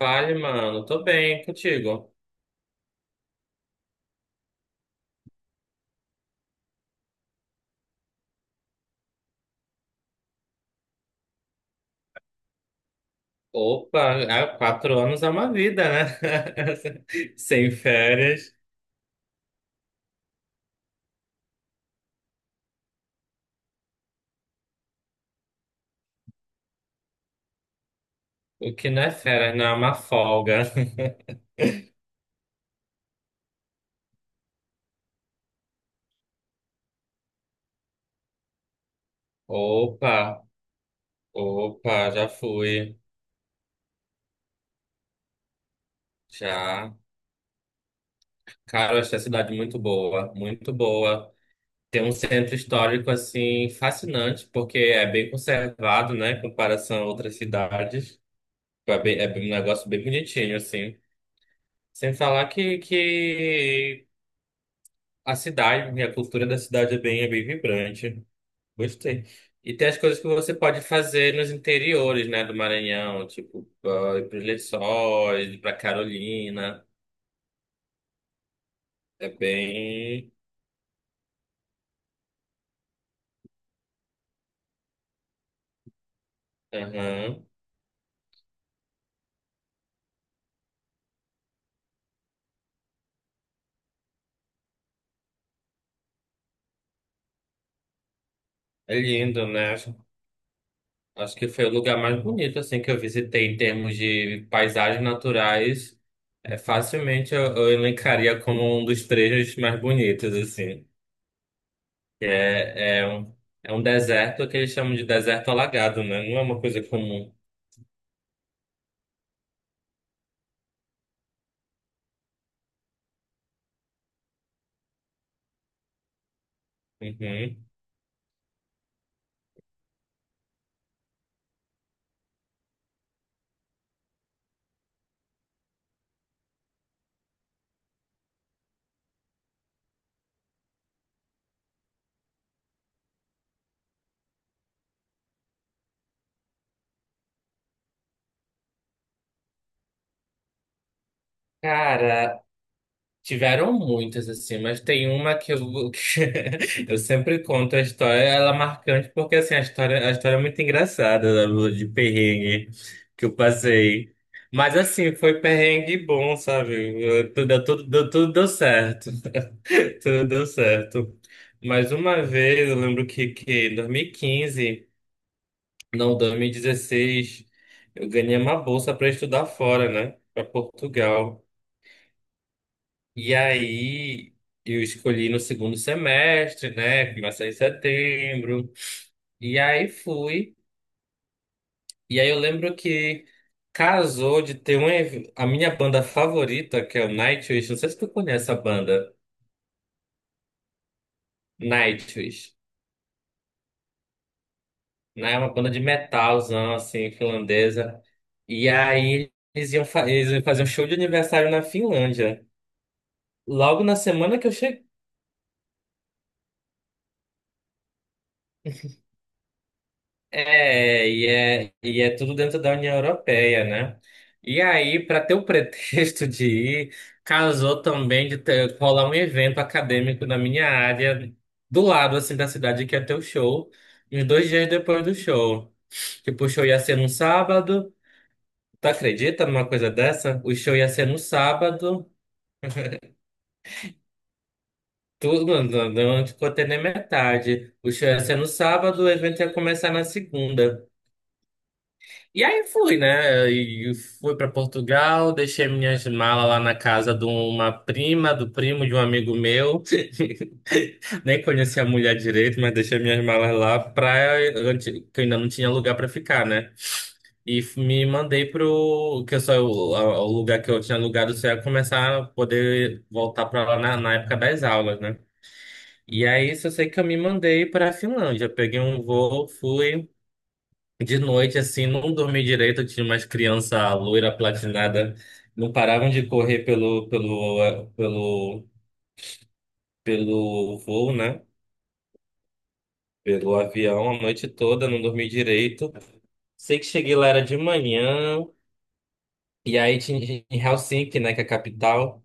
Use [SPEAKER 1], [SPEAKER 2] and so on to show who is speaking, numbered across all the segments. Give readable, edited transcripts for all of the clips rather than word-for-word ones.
[SPEAKER 1] Vale, mano. Tô bem contigo. Opa, há 4 anos é uma vida, né? Sem férias. O que não é férias, não é uma folga. Opa, opa, já fui. Já. Cara, eu achei a cidade muito boa, muito boa. Tem um centro histórico, assim, fascinante, porque é bem conservado, né, em comparação a outras cidades. Um negócio bem bonitinho, assim. Sem falar que a cidade, e a cultura da cidade é bem vibrante. Gostei. E tem as coisas que você pode fazer nos interiores, né, do Maranhão, tipo, ah, ir para os Lençóis, ir para Carolina. É bem. Aham. É lindo, né? Acho que foi o lugar mais bonito, assim, que eu visitei em termos de paisagens naturais. É, facilmente eu elencaria como um dos trechos mais bonitos, assim. Que é, é um, É um deserto que eles chamam de deserto alagado, né? Não é uma coisa comum. Uhum. Cara, tiveram muitas assim, mas tem uma que eu, que eu sempre conto a história, ela é marcante porque assim, a história é muito engraçada da lua de perrengue que eu passei. Mas assim, foi perrengue bom, sabe? Eu- Tudo, tudo, tudo deu certo. Tudo deu certo. Mas uma vez, eu lembro que em 2015. Não, 2016 eu ganhei uma bolsa para estudar fora, né? Para Portugal. E aí eu escolhi no segundo semestre, né? Começa em setembro. E aí fui. E aí eu lembro que casou de ter a minha banda favorita, que é o Nightwish. Não sei se tu conhece a banda. Nightwish, né? É uma banda de metalzão assim, finlandesa. E aí eles iam fazer um show de aniversário na Finlândia. Logo na semana que eu cheguei. É, e é tudo dentro da União Europeia, né? E aí, para ter o pretexto de ir, casou também de ter, rolar um evento acadêmico na minha área, do lado, assim, da cidade que ia ter o show, uns 2 dias depois do show. Tipo, o show ia ser num sábado. Tu acredita numa coisa dessa? O show ia ser no sábado. Tudo, não, não, não ficou até nem metade. O show ia ser no sábado, o evento ia começar na segunda. E aí fui, né? E fui para Portugal, deixei minhas malas lá na casa de uma prima, do primo de um amigo meu. Nem conhecia a mulher direito, mas deixei minhas malas lá pra antes- que eu ainda não tinha lugar para ficar, né? Me mandei pro que eu só o lugar que eu tinha alugado só ia começar a poder voltar para lá na época das aulas, né? E aí só sei que eu me mandei para a Finlândia, peguei um voo, fui de noite, assim, não dormi direito, eu tinha umas crianças loira platinada, não paravam de correr pelo voo, né? Pelo avião a noite toda, não dormi direito. Sei que cheguei lá era de manhã, e aí tinha em Helsinki, né, que é a capital.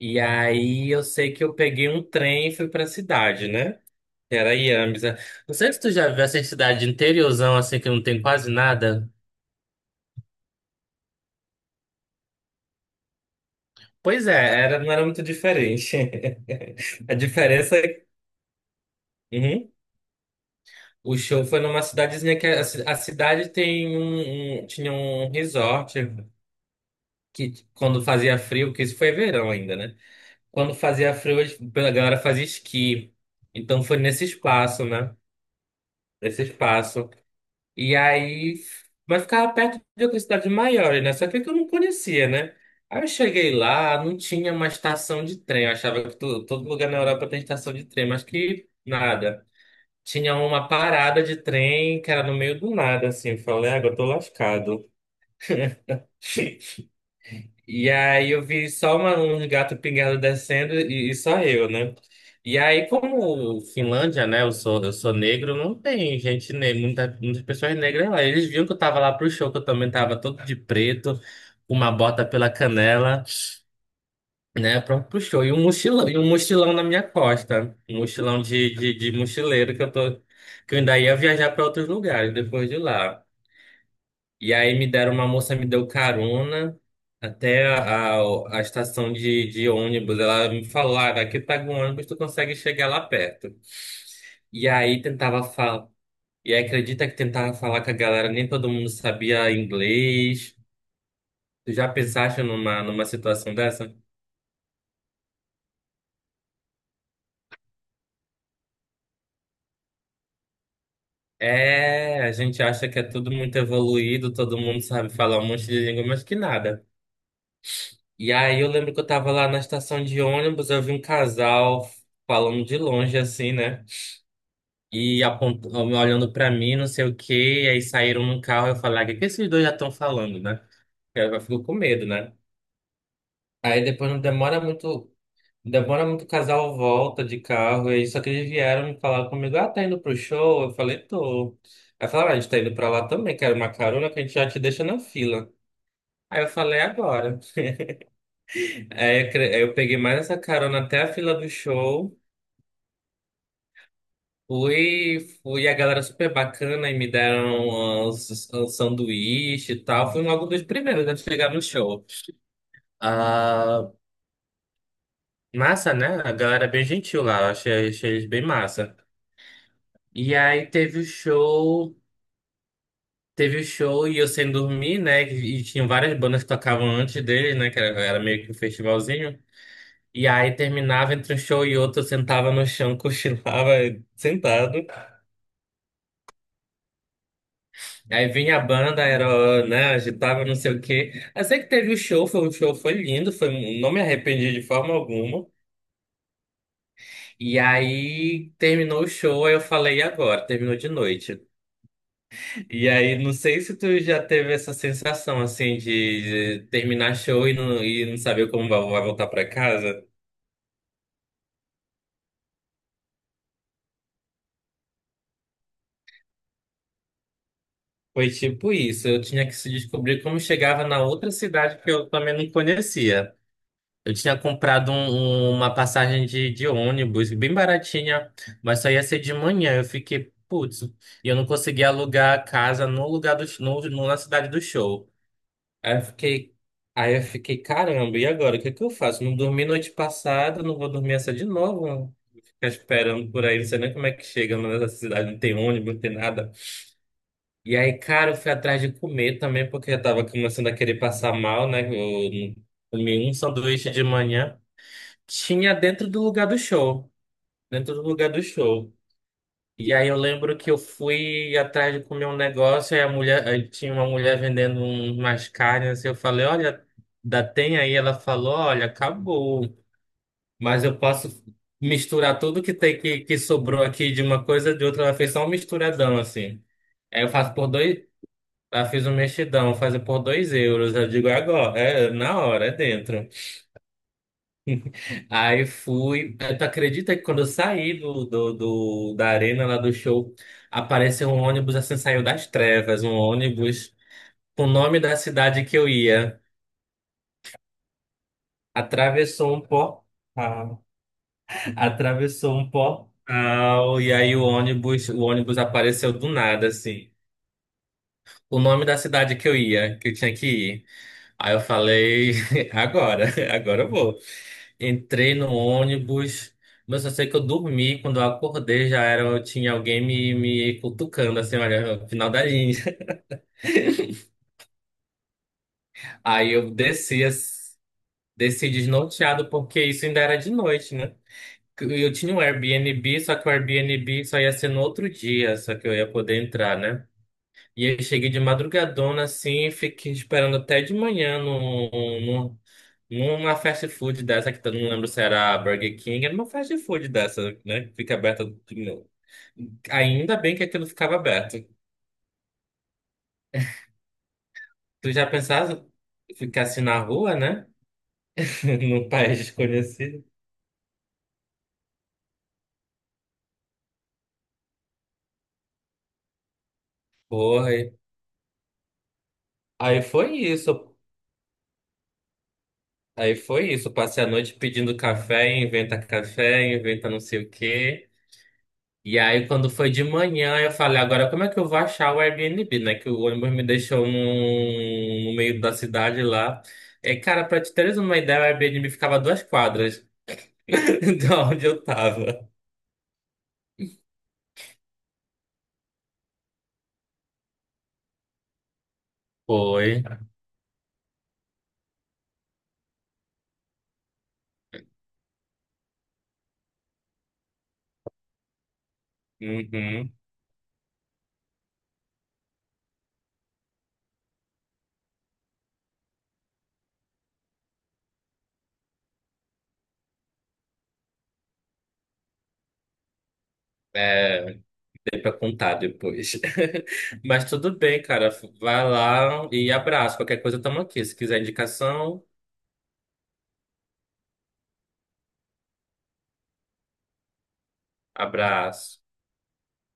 [SPEAKER 1] E aí eu sei que eu peguei um trem e fui pra cidade, né? Que era Jämsä. Não sei se tu já viu essa cidade interiorzão, assim, que não tem quase nada. Pois é, era, não era muito diferente. A diferença é. Uhum. O show foi numa cidadezinha que a cidade tinha um resort que quando fazia frio, que isso foi verão ainda, né? Quando fazia frio, eles- a galera fazia esqui. Então foi nesse espaço, né? Nesse espaço. E aí, mas ficava perto de outra cidade maior, né? Só que é que eu não conhecia, né? Aí eu cheguei lá, não tinha uma estação de trem. Eu achava que todo lugar na Europa tem estação de trem, mas que nada. Tinha uma parada de trem que era no meio do nada, assim. Eu falei, agora eu tô lascado. E aí eu vi só uma, um gato pingado descendo e só eu, né? E aí, como Finlândia, né? Eu sou negro, não tem gente negra, muita, muitas pessoas negras lá. Eles viram que eu tava lá pro show, que eu também tava todo de preto, com uma bota pela canela, né? Pronto pro show. E um mochilão na minha costa. Um mochilão de mochileiro que eu tô, que eu ainda ia viajar para outros lugares depois de lá. E aí me deram, uma moça me deu carona até a estação de ônibus. Ela me falou, ah, aqui tá com ônibus, tu consegue chegar lá perto. E aí tentava falar. E aí acredita que tentava falar com a galera, nem todo mundo sabia inglês. Tu já pensaste numa, numa situação dessa? É, a gente acha que é tudo muito evoluído, todo mundo sabe falar um monte de língua, mas que nada. E aí eu lembro que eu tava lá na estação de ônibus, eu vi um casal falando de longe assim, né? E apontou, olhando pra mim, não sei o quê, e aí saíram num carro, eu falei, ah, o que que esses dois já estão falando, né? Eu fico com medo, né? Aí depois não demora muito, demora muito, o casal volta de carro, e aí só que eles vieram me falar comigo, ah, tá indo pro show? Eu falei, tô. Aí falaram, ah, a gente tá indo pra lá também, quero uma carona que a gente já te deixa na fila. Aí eu falei, "É agora." Aí eu peguei mais essa carona até a fila do show. Fui, fui, a galera super bacana e me deram uns, um sanduíche e tal. Fui logo dos primeiros a chegar no show. Ah, massa, né? A galera é bem gentil lá, eu achei, achei eles bem massa. E aí teve o show, Teve o show e eu sem dormir, né? E tinha várias bandas que tocavam antes dele, né? Que era, era meio que um festivalzinho. E aí terminava entre um show e outro, eu sentava no chão, cochilava sentado. Aí vinha a banda, era, né, agitava, não sei o quê. Eu sei que teve o show, foi um show, foi lindo, foi, não me arrependi de forma alguma. E aí terminou o show, aí eu falei, e agora? Terminou de noite. E aí, não sei se tu já teve essa sensação, assim, de terminar show e não saber como vai voltar pra casa. Foi tipo isso, eu tinha que se descobrir como chegava na outra cidade que eu também não conhecia. Eu tinha comprado uma passagem de ônibus, bem baratinha, mas só ia ser de manhã. Eu fiquei, putz, e eu não consegui alugar a casa no lugar do, na cidade do show. Aí eu fiquei, aí eu fiquei, caramba, e agora? O que é que eu faço? Não dormi noite passada, não vou dormir essa de novo. Não. Ficar esperando por aí, não sei nem como é que chega nessa cidade, não tem ônibus, não tem nada. E aí, cara, eu fui atrás de comer também, porque eu tava começando a querer passar mal, né? Eu não comi um sanduíche de manhã. Tinha dentro do lugar do show. Dentro do lugar do show. E aí eu lembro que eu fui atrás de comer um negócio, aí a mulher, aí tinha uma mulher vendendo umas carnes, assim, eu falei, olha, dá tem aí? Ela falou, olha, acabou. Mas eu posso misturar tudo que tem que sobrou aqui de uma coisa de outra. Ela fez só um misturadão, assim. Aí eu faço por dois. Ela fez um mexidão, fazer por 2 euros. Eu digo, é agora, é na hora, é dentro. Aí fui. Eh, tu acredita que quando eu saí da arena lá do show, apareceu um ônibus assim, saiu das trevas, um ônibus com o nome da cidade que eu ia. Atravessou um portal. Atravessou um portal. E aí o ônibus apareceu do nada, assim. O nome da cidade que eu ia, que eu tinha que ir. Aí eu falei, agora, agora eu vou. Entrei no ônibus, mas eu sei que eu dormi. Quando eu acordei, já era, eu tinha alguém me, me cutucando, assim, olha, final da linha. Aí eu desci, desci desnorteado, porque isso ainda era de noite, né? Eu tinha um Airbnb, só que o Airbnb só ia ser no outro dia, só que eu ia poder entrar, né? E aí eu cheguei de madrugadona, assim, e fiquei esperando até de manhã num, numa fast food dessa, que eu não lembro se era Burger King, era uma fast food dessa, né? Que fica aberta, né? Ainda bem que aquilo ficava aberto. Tu já pensaste pensava ficasse na rua, né? Num país desconhecido. Porra. Aí foi isso. Aí foi isso. Passei a noite pedindo café, inventa não sei o quê. E aí, quando foi de manhã, eu falei, agora como é que eu vou achar o Airbnb, né? Que o ônibus me deixou no meio da cidade lá. É, cara, pra te teres uma ideia, o Airbnb ficava a 2 quadras de onde eu tava. Foi. Uhum. É. Para contar depois. Mas tudo bem, cara. Vai lá e abraço. Qualquer coisa, tamo aqui. Se quiser indicação, abraço.